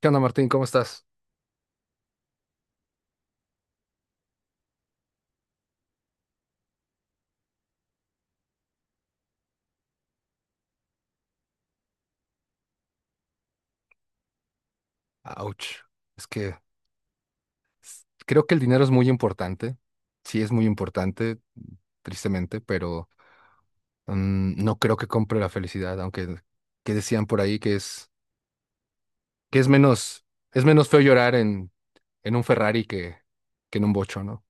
¿Qué onda, Martín? ¿Cómo estás? Ouch. Es que creo que el dinero es muy importante. Sí, es muy importante, tristemente, pero no creo que compre la felicidad, aunque que decían por ahí que que es menos es menos feo llorar en un Ferrari que en un bocho, ¿no?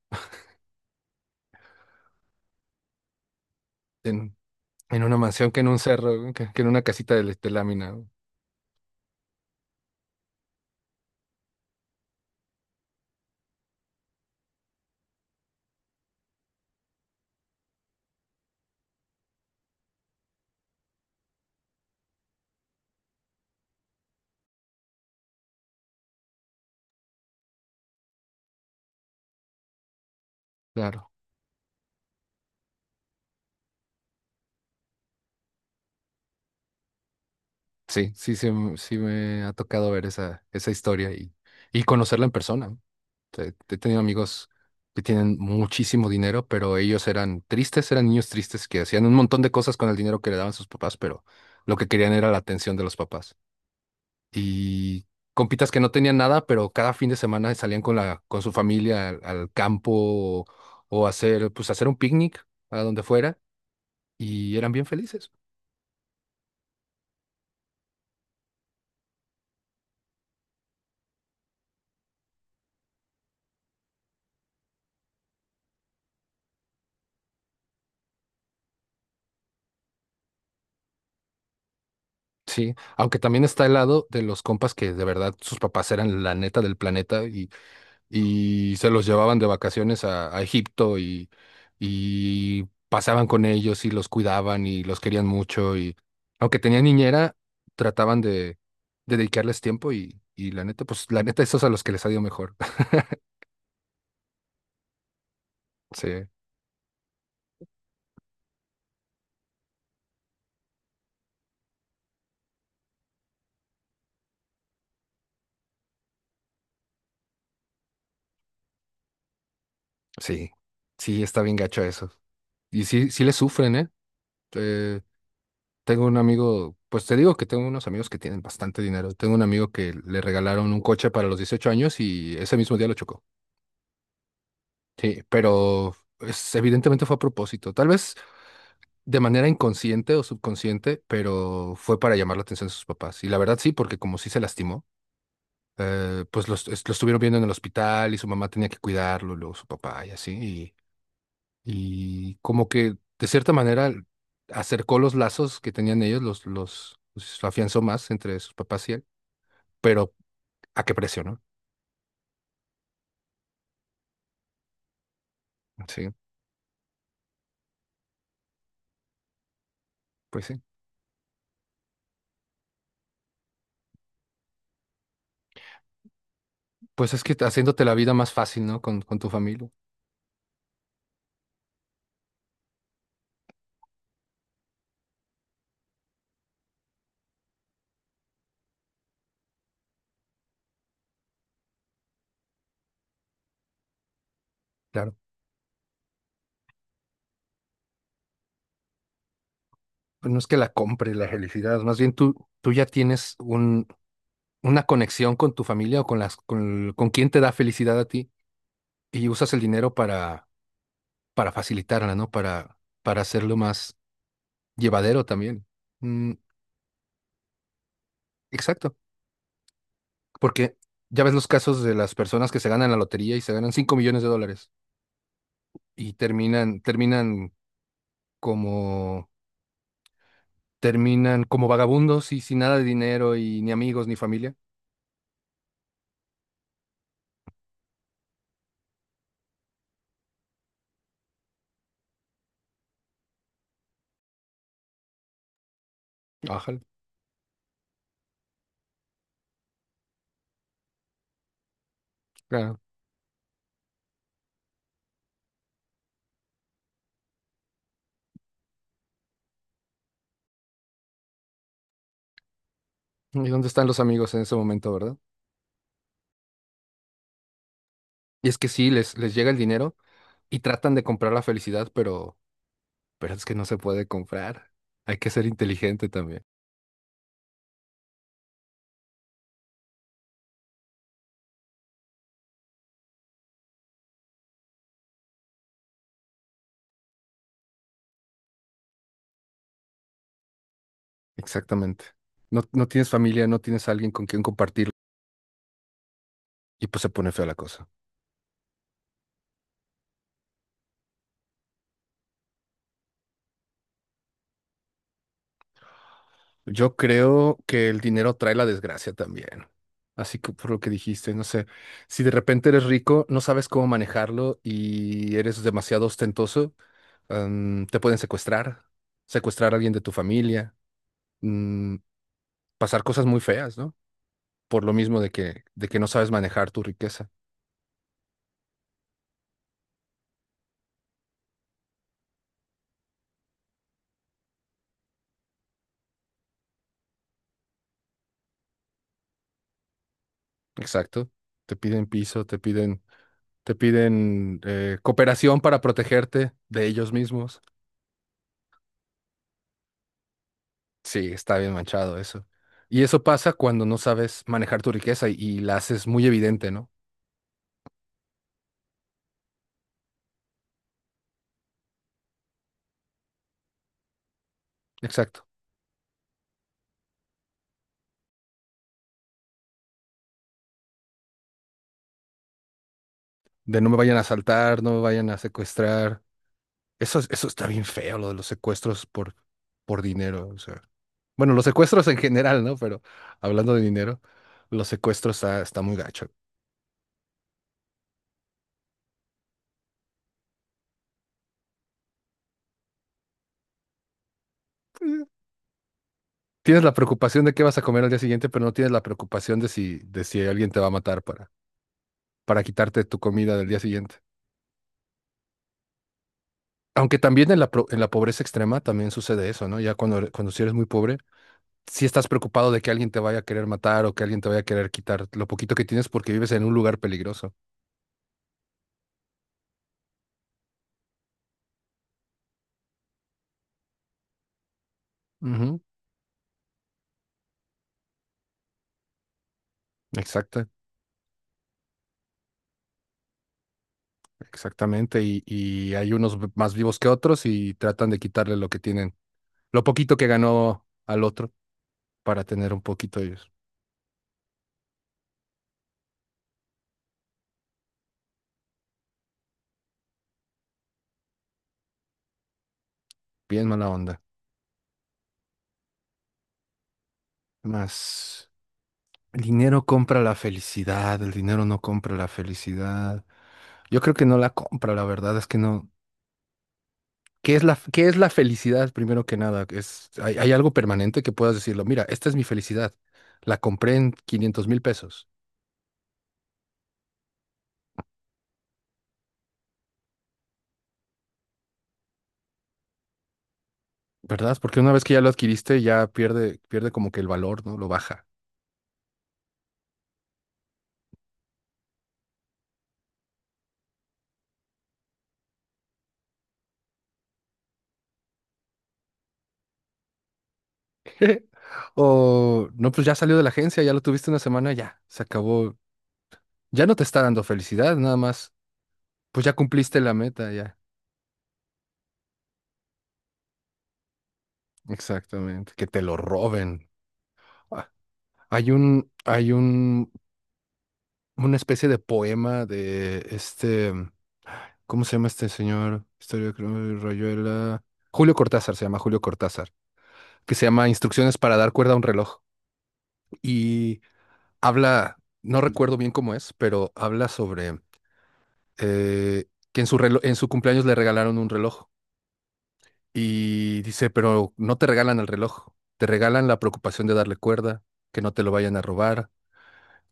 En, en una mansión que en un cerro, que en una casita de lámina, ¿no? Claro. Sí me ha tocado ver esa historia y conocerla en persona, ¿no? He tenido amigos que tienen muchísimo dinero, pero ellos eran tristes, eran niños tristes que hacían un montón de cosas con el dinero que le daban sus papás, pero lo que querían era la atención de los papás. Y compitas que no tenían nada, pero cada fin de semana salían con con su familia al campo pues hacer un picnic a donde fuera y eran bien felices. Sí, aunque también está el lado de los compas que de verdad sus papás eran la neta del planeta y se los llevaban de vacaciones a Egipto y pasaban con ellos y los cuidaban y los querían mucho y aunque tenían niñera, trataban de dedicarles tiempo y la neta, pues la neta esos a los que les ha ido mejor. Sí, sí, sí, está bien gacho eso. Y sí, sí les sufren, ¿eh? Eh, Tengo un amigo, pues te digo que tengo unos amigos que tienen bastante dinero. Tengo un amigo que le regalaron un coche para los 18 años y ese mismo día lo chocó. Sí, pero evidentemente fue a propósito. Tal vez de manera inconsciente o subconsciente, pero fue para llamar la atención de sus papás. Y la verdad sí, porque como sí se lastimó, lo estuvieron viendo en el hospital y su mamá tenía que cuidarlo, luego su papá y así. Y como que de cierta manera acercó los lazos que tenían ellos, los afianzó más entre sus papás y él. Pero ¿a qué precio, no? Sí, sí. Pues es que haciéndote la vida más fácil, ¿no? Con tu familia. Claro. Pues no es que la compre la felicidad, más bien tú ya tienes una conexión con tu familia o con con quien te da felicidad a ti y usas el dinero para facilitarla, ¿no? Para hacerlo más llevadero también. Mm, exacto, porque ya ves los casos de las personas que se ganan la lotería y se ganan 5 millones de dólares y como, terminan como vagabundos y sin nada de dinero y ni amigos ni familia. Ajá, claro. ¿Y dónde están los amigos en ese momento, verdad? Y es que sí, les llega el dinero y tratan de comprar la felicidad, pero es que no se puede comprar. Hay que ser inteligente también. Exactamente. No, no tienes familia, no tienes alguien con quien compartirlo y pues se pone fea la cosa. Yo creo que el dinero trae la desgracia también. Así que por lo que dijiste, no sé, si de repente eres rico, no sabes cómo manejarlo y eres demasiado ostentoso, te pueden secuestrar, secuestrar a alguien de tu familia, mm, pasar cosas muy feas, ¿no? Por lo mismo de de que no sabes manejar tu riqueza. Exacto. Te piden piso, te piden cooperación para protegerte de ellos mismos. Sí, está bien manchado eso. Y eso pasa cuando no sabes manejar tu riqueza y la haces muy evidente, ¿no? Exacto. De no me vayan a asaltar, no me vayan a secuestrar. Eso, eso está bien feo, lo de los secuestros por dinero. O sea, bueno, los secuestros en general, ¿no? Pero hablando de dinero, los secuestros está muy gacho. Tienes la preocupación de qué vas a comer al día siguiente, pero no tienes la preocupación de de si alguien te va a matar para quitarte tu comida del día siguiente. Aunque también en en la pobreza extrema también sucede eso, ¿no? Ya cuando si eres muy pobre, sí estás preocupado de que alguien te vaya a querer matar o que alguien te vaya a querer quitar lo poquito que tienes porque vives en un lugar peligroso. Ujú. Exacto, Exactamente. Y hay unos más vivos que otros y tratan de quitarle lo que tienen, lo poquito que ganó al otro para tener un poquito ellos. Bien mala onda. Más. El dinero compra la felicidad, el dinero no compra la felicidad. Yo creo que no la compra, la verdad es que no. ¿Qué es qué es la felicidad primero que nada? Hay algo permanente que puedas decirlo, mira, esta es mi felicidad. La compré en 500 mil pesos, ¿verdad? Porque una vez que ya lo adquiriste, ya pierde como que el valor, ¿no? Lo baja. O no, pues ya salió de la agencia, ya lo tuviste una semana, ya, se acabó. Ya no te está dando felicidad, nada más. Pues ya cumpliste la meta, ya. Exactamente, que te lo roben. Ah, hay hay un, una especie de poema de este, ¿cómo se llama este señor? Historia de Rayuela. Julio Cortázar, se llama Julio Cortázar, que se llama Instrucciones para dar cuerda a un reloj. Y habla, no recuerdo bien cómo es, pero habla sobre eh, que en su en su cumpleaños le regalaron un reloj. Y dice, pero no te regalan el reloj, te regalan la preocupación de darle cuerda, que no te lo vayan a robar,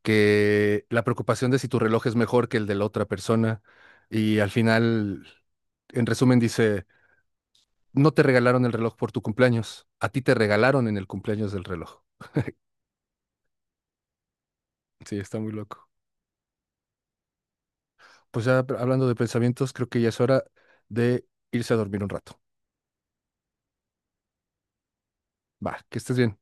que la preocupación de si tu reloj es mejor que el de la otra persona y al final, en resumen, dice, no te regalaron el reloj por tu cumpleaños, a ti te regalaron en el cumpleaños del reloj. Sí, está muy loco. Pues ya hablando de pensamientos, creo que ya es hora de irse a dormir un rato. Va, que estés bien.